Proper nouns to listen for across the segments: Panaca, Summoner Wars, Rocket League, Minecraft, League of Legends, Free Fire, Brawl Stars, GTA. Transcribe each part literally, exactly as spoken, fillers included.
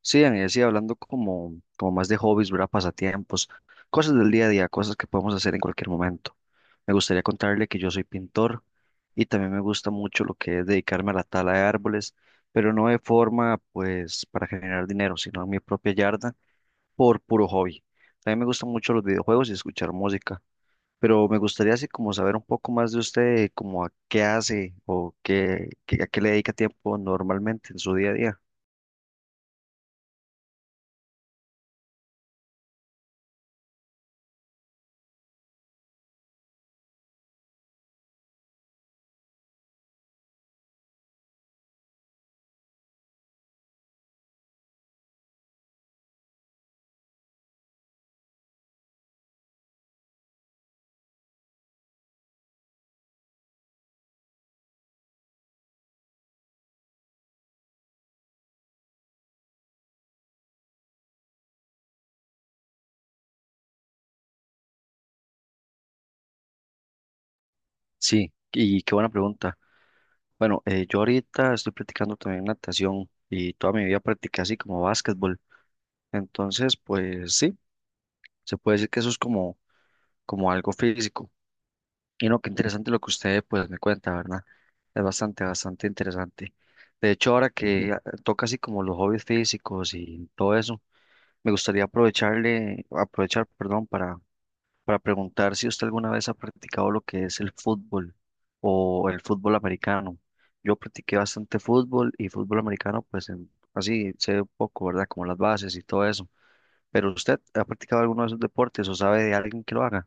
Sí, Dani, decía, hablando como, como más de hobbies, ¿verdad? Pasatiempos, cosas del día a día, cosas que podemos hacer en cualquier momento. Me gustaría contarle que yo soy pintor y también me gusta mucho lo que es dedicarme a la tala de árboles, pero no de forma, pues, para generar dinero, sino en mi propia yarda por puro hobby. También me gustan mucho los videojuegos y escuchar música, pero me gustaría así como saber un poco más de usted, como a qué hace o qué, qué- a qué le dedica tiempo normalmente en su día a día. Sí, ¿y qué buena pregunta? Bueno, eh, yo ahorita estoy practicando también natación y toda mi vida practiqué así como básquetbol. Entonces, pues sí, se puede decir que eso es como, como algo físico. Y no, qué interesante lo que usted pues me cuenta, ¿verdad? Es bastante, bastante interesante. De hecho, ahora que ah, toca así como los hobbies físicos y todo eso, me gustaría aprovecharle, aprovechar, perdón, para para preguntar si usted alguna vez ha practicado lo que es el fútbol o el fútbol americano. Yo practiqué bastante fútbol y fútbol americano, pues en- así sé un poco, ¿verdad? Como las bases y todo eso. Pero usted ha practicado alguno de esos deportes o sabe de alguien que lo haga.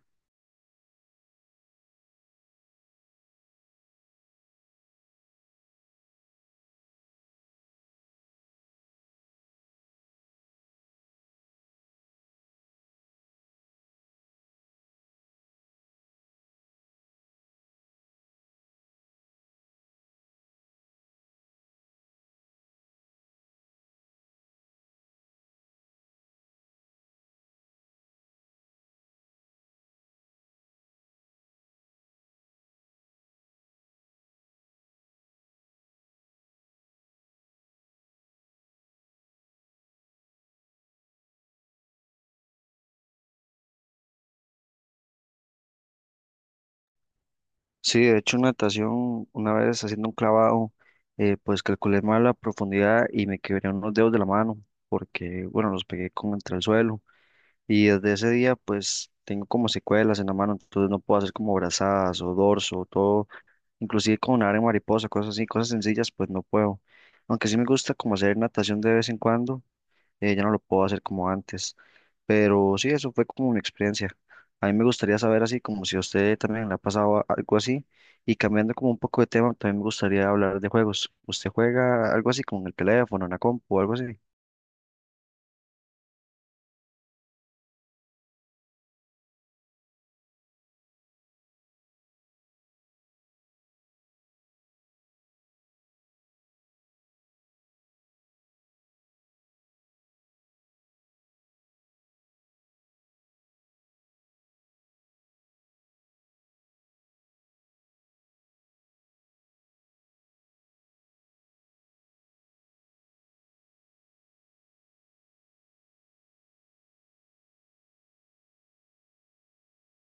Sí, de hecho, en natación, una vez haciendo un clavado, eh, pues calculé mal la profundidad y me quebré unos dedos de la mano porque, bueno, los pegué como entre el suelo. Y desde ese día, pues tengo como secuelas en la mano, entonces no puedo hacer como brazadas o dorso o todo, inclusive con área mariposa, cosas así, cosas sencillas, pues no puedo. Aunque sí me gusta como hacer natación de vez en cuando, eh, ya no lo puedo hacer como antes. Pero sí, eso fue como una experiencia. A mí me gustaría saber así, como si a usted también le ha pasado a- algo así. Y cambiando como un poco de tema, también me gustaría hablar de juegos. ¿Usted juega algo así como en el teléfono, en la compu o algo así?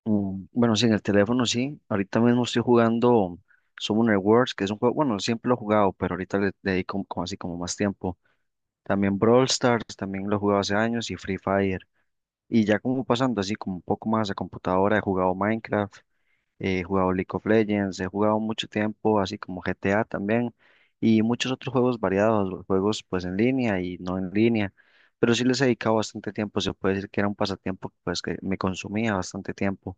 Mm, Bueno, sí, en el teléfono sí. Ahorita mismo estoy jugando Summoner Wars, que es un juego, bueno, siempre lo he jugado, pero ahorita le le dedico como como así como más tiempo. También Brawl Stars, también lo he jugado hace años y Free Fire. Y ya como pasando así como un poco más a computadora, he jugado Minecraft, he jugado League of Legends, he jugado mucho tiempo así como G T A también y muchos otros juegos variados, los juegos pues en línea y no en línea. Pero sí les he dedicado bastante tiempo, se puede decir que era un pasatiempo pues que me consumía bastante tiempo.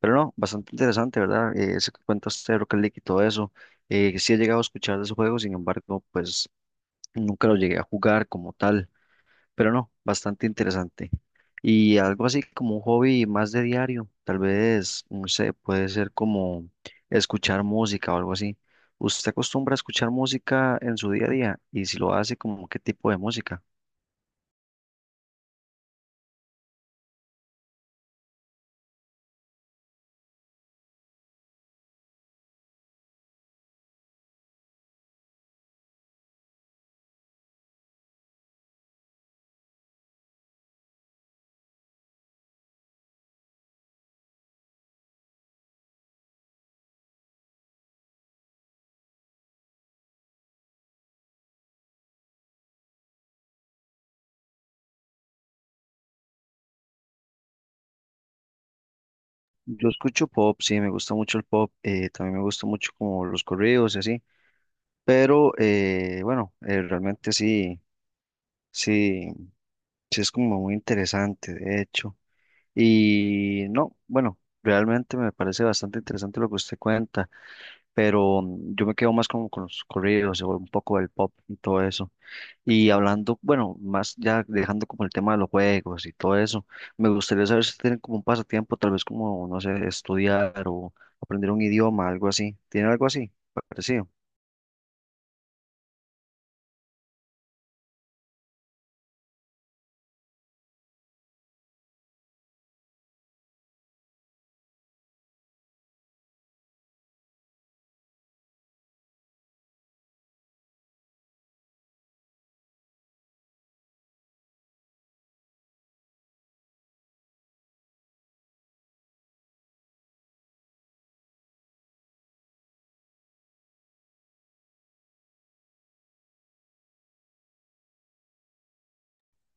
Pero no, bastante interesante, ¿verdad? Eh, eso que cuenta usted, Rocket League y todo eso. Eh, sí he llegado a escuchar de ese juego, sin embargo, pues nunca lo llegué a jugar como tal. Pero no, bastante interesante. Y algo así como un hobby más de diario, tal vez, no sé, puede ser como escuchar música o algo así. ¿Usted acostumbra a escuchar música en su día a día? Y si lo hace, ¿como qué tipo de música? Yo escucho pop, sí, me gusta mucho el pop, eh, también me gusta mucho como los corridos y así. Pero eh, bueno, eh, realmente sí, sí, sí es como muy interesante, de hecho. Y no, bueno, realmente me parece bastante interesante lo que usted cuenta, pero mm, yo me quedo más como con los corridos, o un poco del pop y todo eso. Y hablando, bueno, más ya dejando como el tema de los juegos y todo eso, me gustaría saber si tienen como un pasatiempo, tal vez como, no sé, estudiar o aprender un idioma, algo así. ¿Tiene algo así? Parecido.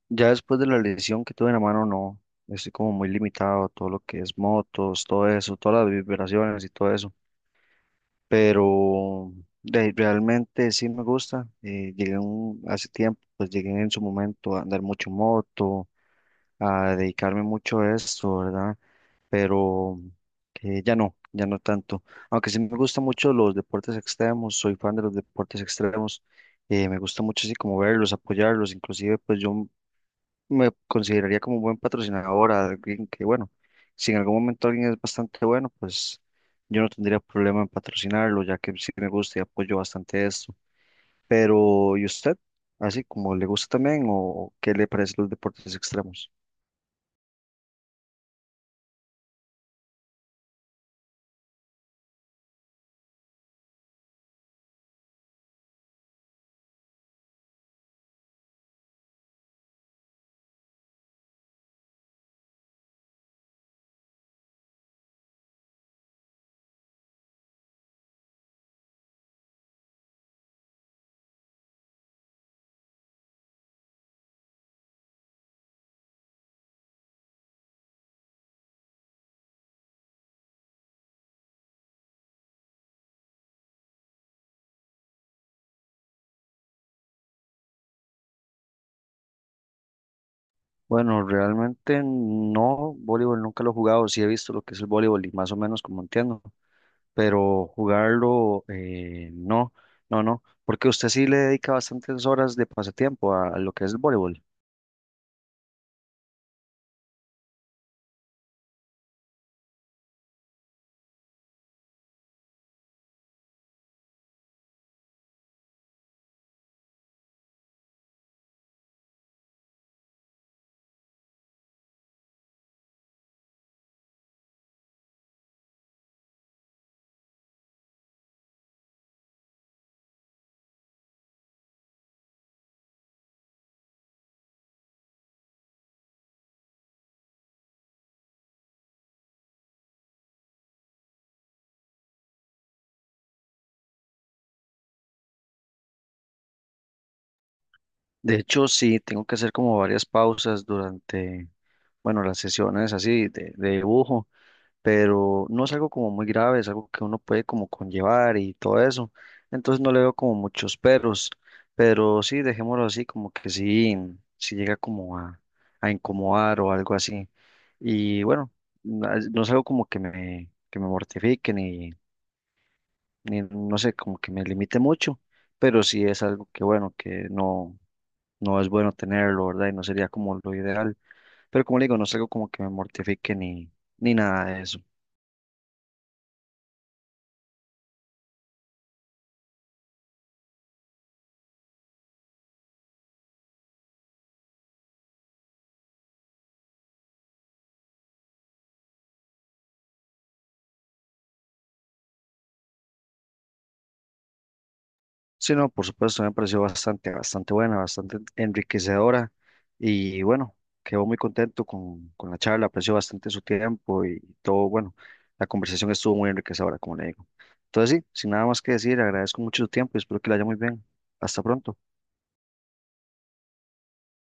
Ya después de la lesión que tuve en la mano, no. Estoy como muy limitado todo lo que es motos, todo eso, todas las vibraciones y todo eso. Pero de- realmente sí me gusta. eh, llegué un- hace tiempo, pues llegué en su momento a andar mucho moto, a dedicarme mucho a esto, ¿verdad? Pero que ya no, ya no tanto. Aunque sí me gustan mucho los deportes extremos, soy fan de los deportes extremos. eh, me gusta mucho así como verlos, apoyarlos. Inclusive, pues yo me consideraría como un buen patrocinador, alguien que, bueno, si en algún momento alguien es bastante bueno, pues yo no tendría problema en patrocinarlo, ya que sí me gusta y apoyo bastante esto. Pero ¿y usted? ¿Así como le gusta también o qué le parecen los deportes extremos? Bueno, realmente no, voleibol nunca lo he jugado, sí he visto lo que es el voleibol y más o menos como entiendo, pero jugarlo eh, no, no, no, porque usted sí le dedica bastantes horas de pasatiempo a a lo que es el voleibol. De hecho, sí, tengo que hacer como varias pausas durante, bueno, las sesiones así de, de dibujo, pero no es algo como muy grave, es algo que uno puede como conllevar y todo eso. Entonces no le veo como muchos peros, pero sí, dejémoslo así, como que sí, sí llega como a, a incomodar o algo así. Y bueno, no es no es algo como que me, que me mortifique ni, ni, no sé, como que me limite mucho, pero sí es algo que, bueno, que no no es bueno tenerlo, ¿verdad? Y no sería como lo ideal. Pero como le digo, no es algo como que me mortifique ni, ni nada de eso. Sí, no, por supuesto, me pareció bastante, bastante buena, bastante enriquecedora. Y bueno, quedó muy contento con, con la charla, aprecio bastante su tiempo y todo, bueno, la conversación estuvo muy enriquecedora, como le digo. Entonces, sí, sin nada más que decir, agradezco mucho su tiempo y espero que le haya muy bien. Hasta pronto.